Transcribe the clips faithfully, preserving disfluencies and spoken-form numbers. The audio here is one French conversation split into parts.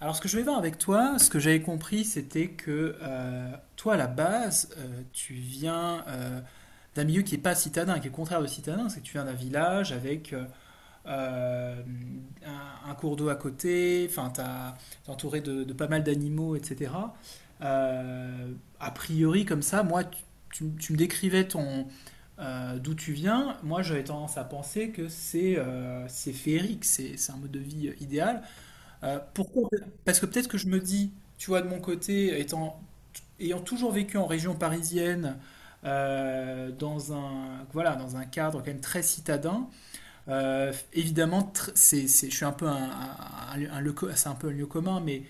Alors, ce que je vais voir avec toi, ce que j'avais compris, c'était que euh, toi, à la base, euh, tu viens euh, d'un milieu qui n'est pas citadin, qui est le contraire de citadin, c'est que tu viens d'un village avec euh, euh, un, un cours d'eau à côté, enfin, t'as- t'es entouré de, de pas mal d'animaux, et cetera. Euh, A priori, comme ça, moi, tu, tu- tu me décrivais ton euh, d'où tu viens. Moi, j'avais tendance à penser que c'est euh, c'est féerique, c'est c'est un mode de vie euh, idéal. Euh, pourquoi? Parce que peut-être que je me dis, tu vois, de mon côté, étant, ayant toujours vécu en région parisienne, euh, dans un, voilà, dans un cadre quand même très citadin, euh, évidemment, tr- c'est, c'est- je suis un peu un, un- un lieu- un lieu co- c'est un peu un lieu commun, mais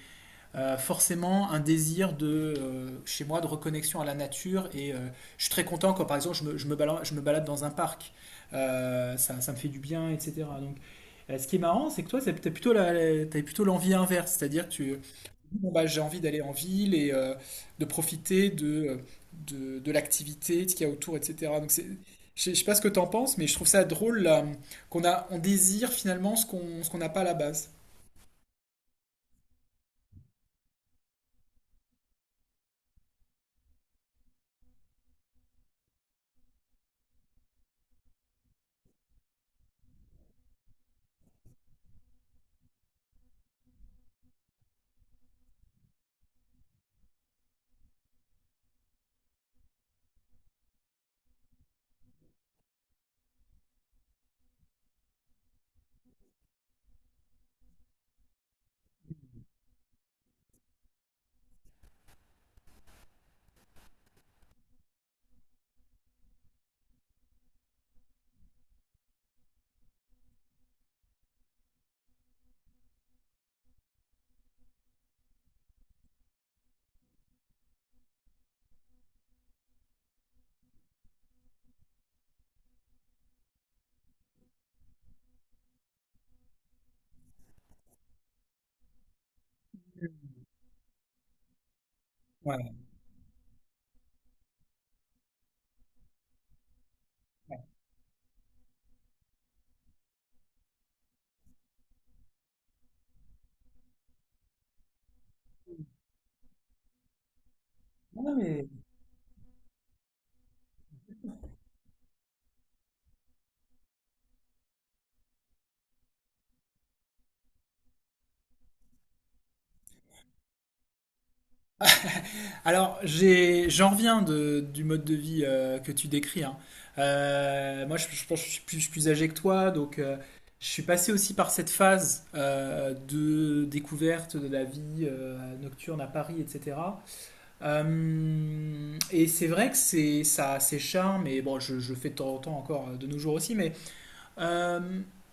euh, forcément un désir de, euh, chez moi, de reconnexion à la nature. Et euh, je suis très content quand, par exemple, je me, je me balade, je me balade dans un parc. Euh, ça, ça me fait du bien, et cetera. Euh, ce qui est marrant, c'est que toi, t'as t'as plutôt la- la- t'as plutôt l'envie inverse, c'est-à-dire que tu bon, bah, j'ai envie d'aller en ville et euh, de profiter de, de, de l'activité, de ce qu'il y a autour, et cetera. Donc c'est, je sais je sais pas ce que t'en penses, mais je trouve ça drôle là, qu'on a, on désire finalement ce qu'on ce qu'on n'a pas à la base. Ouais. Ah, mais. Alors, j'ai, j'en reviens de- du mode de vie euh, que tu décris. hein. Euh, moi, je, je pense que je suis plus, je suis plus âgé que toi, donc euh, je suis passé aussi par cette phase euh, de découverte de la vie euh, nocturne à Paris, et cetera. Euh, et c'est vrai que c'est, ça a ses charmes, et bon, je, je le fais de temps en temps encore euh, de nos jours aussi, mais euh,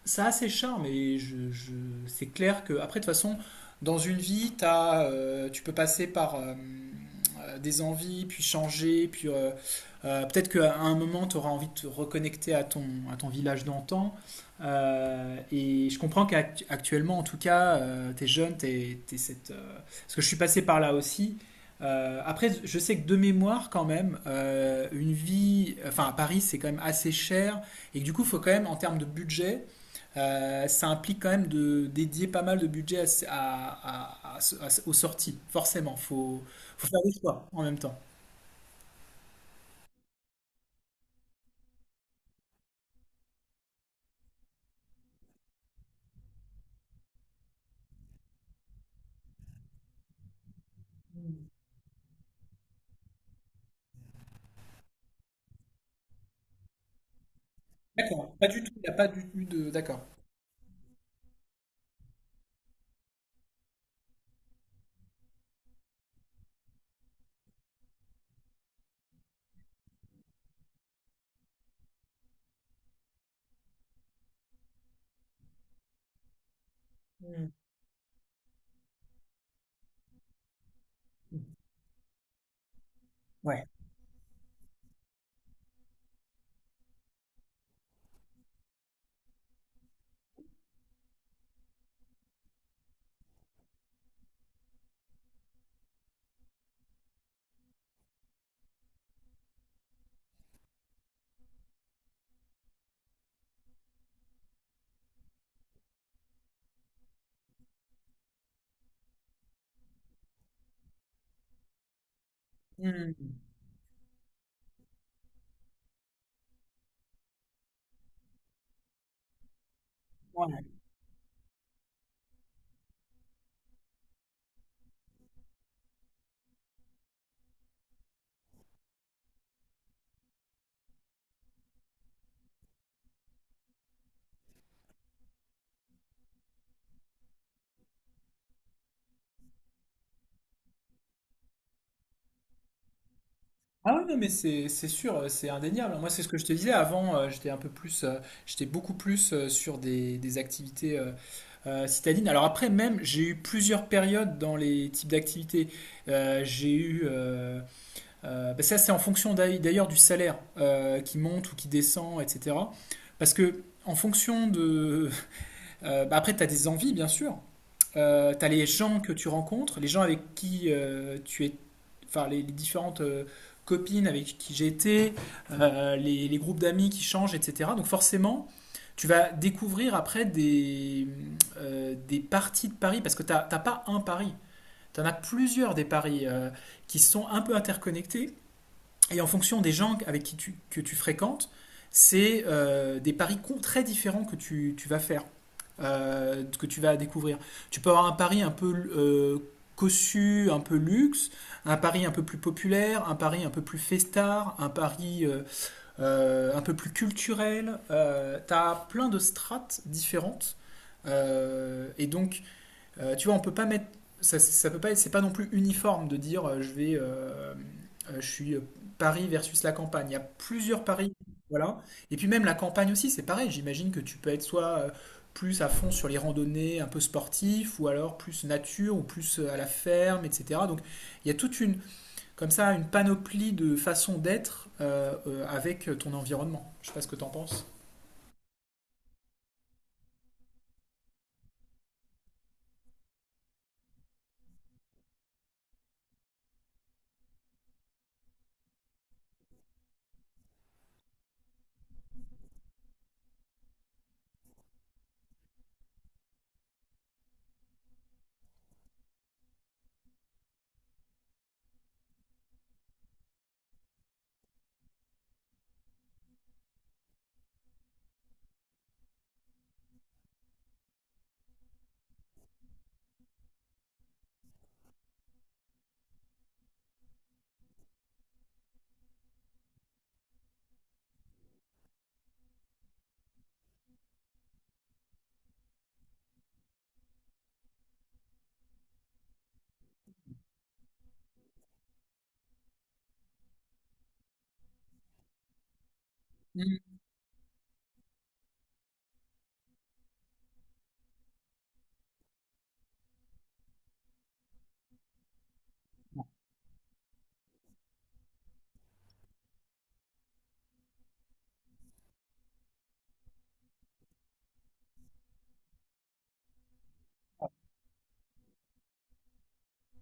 ça a ses charmes et je, je- c'est clair que, après, de toute façon, dans une vie, t'as, euh, tu peux passer par euh, euh, des envies, puis changer, puis euh, euh, peut-être qu'à un moment, tu auras envie de te reconnecter à ton, à ton village d'antan. Euh, et je comprends qu'actuellement, en tout cas, tu es jeune, t'es, t'es cette, euh, parce que je suis passé par là aussi. Euh, après, je sais que de mémoire, quand même, euh, une vie, enfin à Paris, c'est quand même assez cher. Et que du coup, il faut quand même, en termes de budget, euh, ça implique quand même de dédier pas mal de budget à, à- à- à- à- aux sorties, forcément. Il Faut, faut faire des choix en même temps. D'accord, pas du tout, il n'y a pas du tout de... D'accord. Hmm. Hmm. Ouais. Ah ouais, non, mais c'est c'est sûr, euh, c'est indéniable. Moi, c'est ce que je te disais avant, euh, j'étais un peu plus, euh, j'étais beaucoup plus euh, sur des, des activités euh, euh, citadines. Alors après, même, j'ai eu plusieurs périodes dans les types d'activités. Euh, j'ai eu... euh, Euh, bah ça, c'est en fonction d'ailleurs du salaire euh, qui monte ou qui descend, et cetera. Parce que, en fonction de. Euh, bah après, tu as des envies, bien sûr. Euh, tu as les gens que tu rencontres, les gens avec qui euh, tu es. Enfin, les, les différentes euh, copines avec qui j'ai été, euh, les, les groupes d'amis qui changent, et cetera. Donc, forcément, tu vas découvrir après des, euh, des parties de Paris, parce que tu n'as pas un Paris. Tu en as plusieurs des paris euh, qui sont un peu interconnectés et en fonction des gens avec qui tu, que tu fréquentes, c'est euh, des paris très différents que tu, tu vas faire, euh, que tu vas découvrir. Tu peux avoir un pari un peu euh, cossu, un peu luxe, un pari un peu plus populaire, un pari un peu plus festard, un pari euh, euh, un peu plus culturel. Euh, T'as plein de strates différentes. Euh, et donc, euh, tu vois, on peut pas mettre. Ça, ça peut pas être- C'est pas non plus uniforme de dire euh, je vais. Euh, euh, je suis euh, Paris versus la campagne. Il y a plusieurs paris. Voilà. Et puis même la campagne aussi, c'est pareil. J'imagine que tu peux être soit euh, plus à fond sur les randonnées un peu sportifs, ou alors plus nature, ou plus euh, à la ferme, et cetera. Donc il y a toute une, comme ça, une panoplie de façons d'être euh, euh, avec ton environnement. Je sais pas ce que t'en penses. Mm.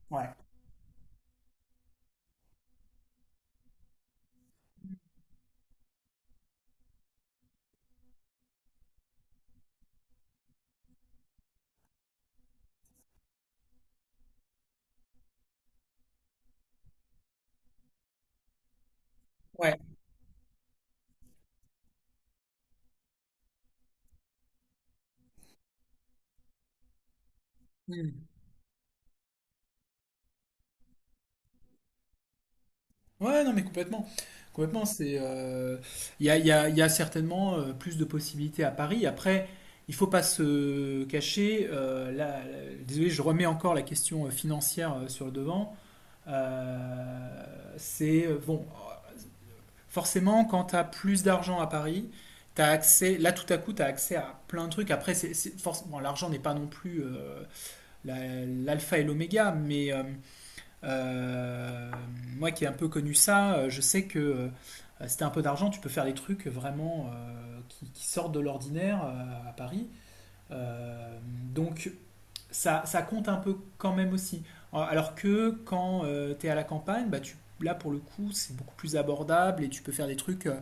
Ouais. Ouais. Mm. Ouais, non, mais complètement. Complètement, c'est, euh, il y a, il y a- il y a certainement euh, plus de possibilités à Paris. Après, il faut pas se cacher. euh, Là, euh, désolé, je remets encore la question euh, financière euh, sur le devant. Euh, c'est, euh, bon, euh, Forcément, quand tu as plus d'argent à Paris, t'as accès, là, tout à coup, tu as accès à plein de trucs. Après, c'est, c'est- forc- bon, l'argent n'est pas non plus euh, la- l'alpha et l'oméga, mais... euh, euh, moi qui ai un peu connu ça, euh, je sais que euh, si t'as un peu d'argent, tu peux faire des trucs vraiment euh, qui, qui sortent de l'ordinaire euh, à Paris. Euh, donc ça, ça compte un peu quand même aussi. Alors que quand tu t'es à la campagne, bah tu, là pour le coup c'est beaucoup plus abordable et tu peux faire des trucs. euh,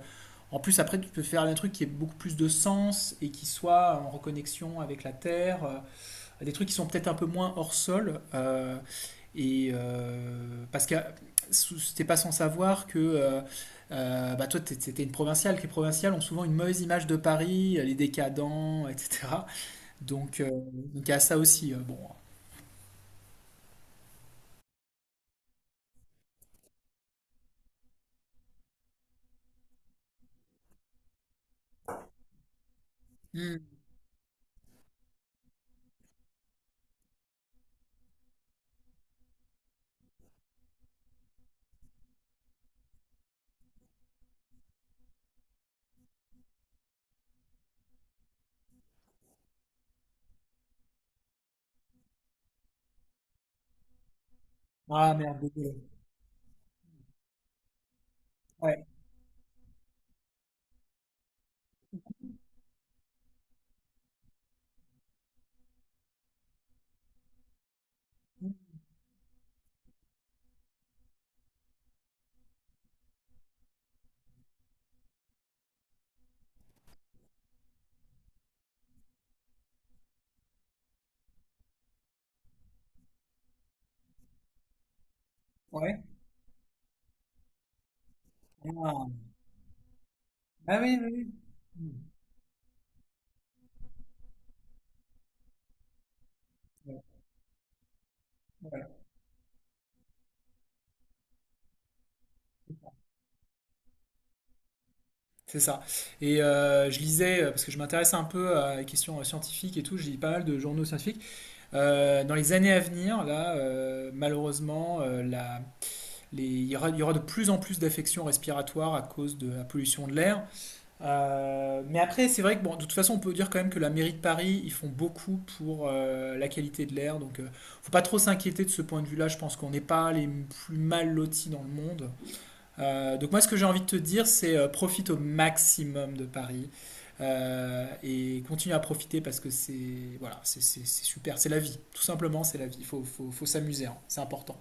En plus après tu peux faire un truc qui ait beaucoup plus de sens et qui soit en reconnexion avec la terre. euh, Des trucs qui sont peut-être un peu moins hors sol. euh, Et euh, parce que c'était pas sans savoir que euh, euh, bah toi, t'es- c'était une provinciale. Que Les provinciales ont souvent une mauvaise image de Paris, euh, les décadents, et cetera. Donc, euh, donc il y a ça aussi. Euh, bon. Hmm. Ah merde, désolé. Ouais, ouais. Ah, Ah oui, oui. oui. Hmm. Ouais, voilà. C'est ça. Et euh, je lisais, euh, parce que je m'intéresse un peu à la question scientifique et tout, je lis pas mal de journaux scientifiques. Euh, dans les années à venir, là, euh, malheureusement, euh, la- les- il, y aura, il y aura de plus en plus d'affections respiratoires à cause de la pollution de l'air. Euh, mais après, c'est vrai que, bon, de toute façon, on peut dire quand même que la mairie de Paris, ils font beaucoup pour euh, la qualité de l'air. Donc, euh, faut pas trop s'inquiéter de ce point de vue-là. Je pense qu'on n'est pas les plus mal lotis dans le monde. Euh, donc moi, ce que j'ai envie de te dire, c'est euh, profite au maximum de Paris euh, et continue à profiter parce que c'est voilà, c'est c'est- c'est super, c'est la vie. Tout simplement, c'est la vie. Il faut, faut, faut s'amuser, hein. C'est important.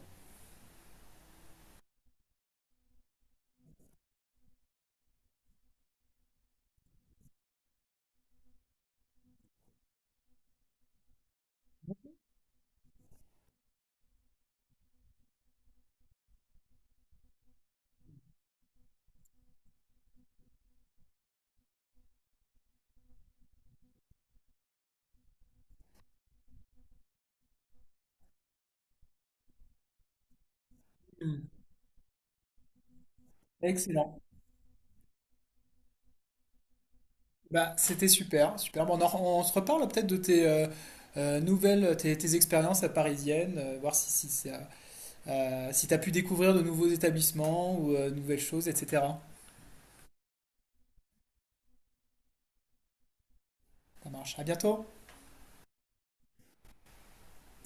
Mm. Excellent. Bah, c'était super, super. Bon, on, en- on se reparle peut-être de tes euh, euh, nouvelles, tes, tes expériences à parisienne, euh, voir si, si, ça- euh, si tu as pu découvrir de nouveaux établissements ou euh, de nouvelles choses, et cetera. Ça marche. À bientôt.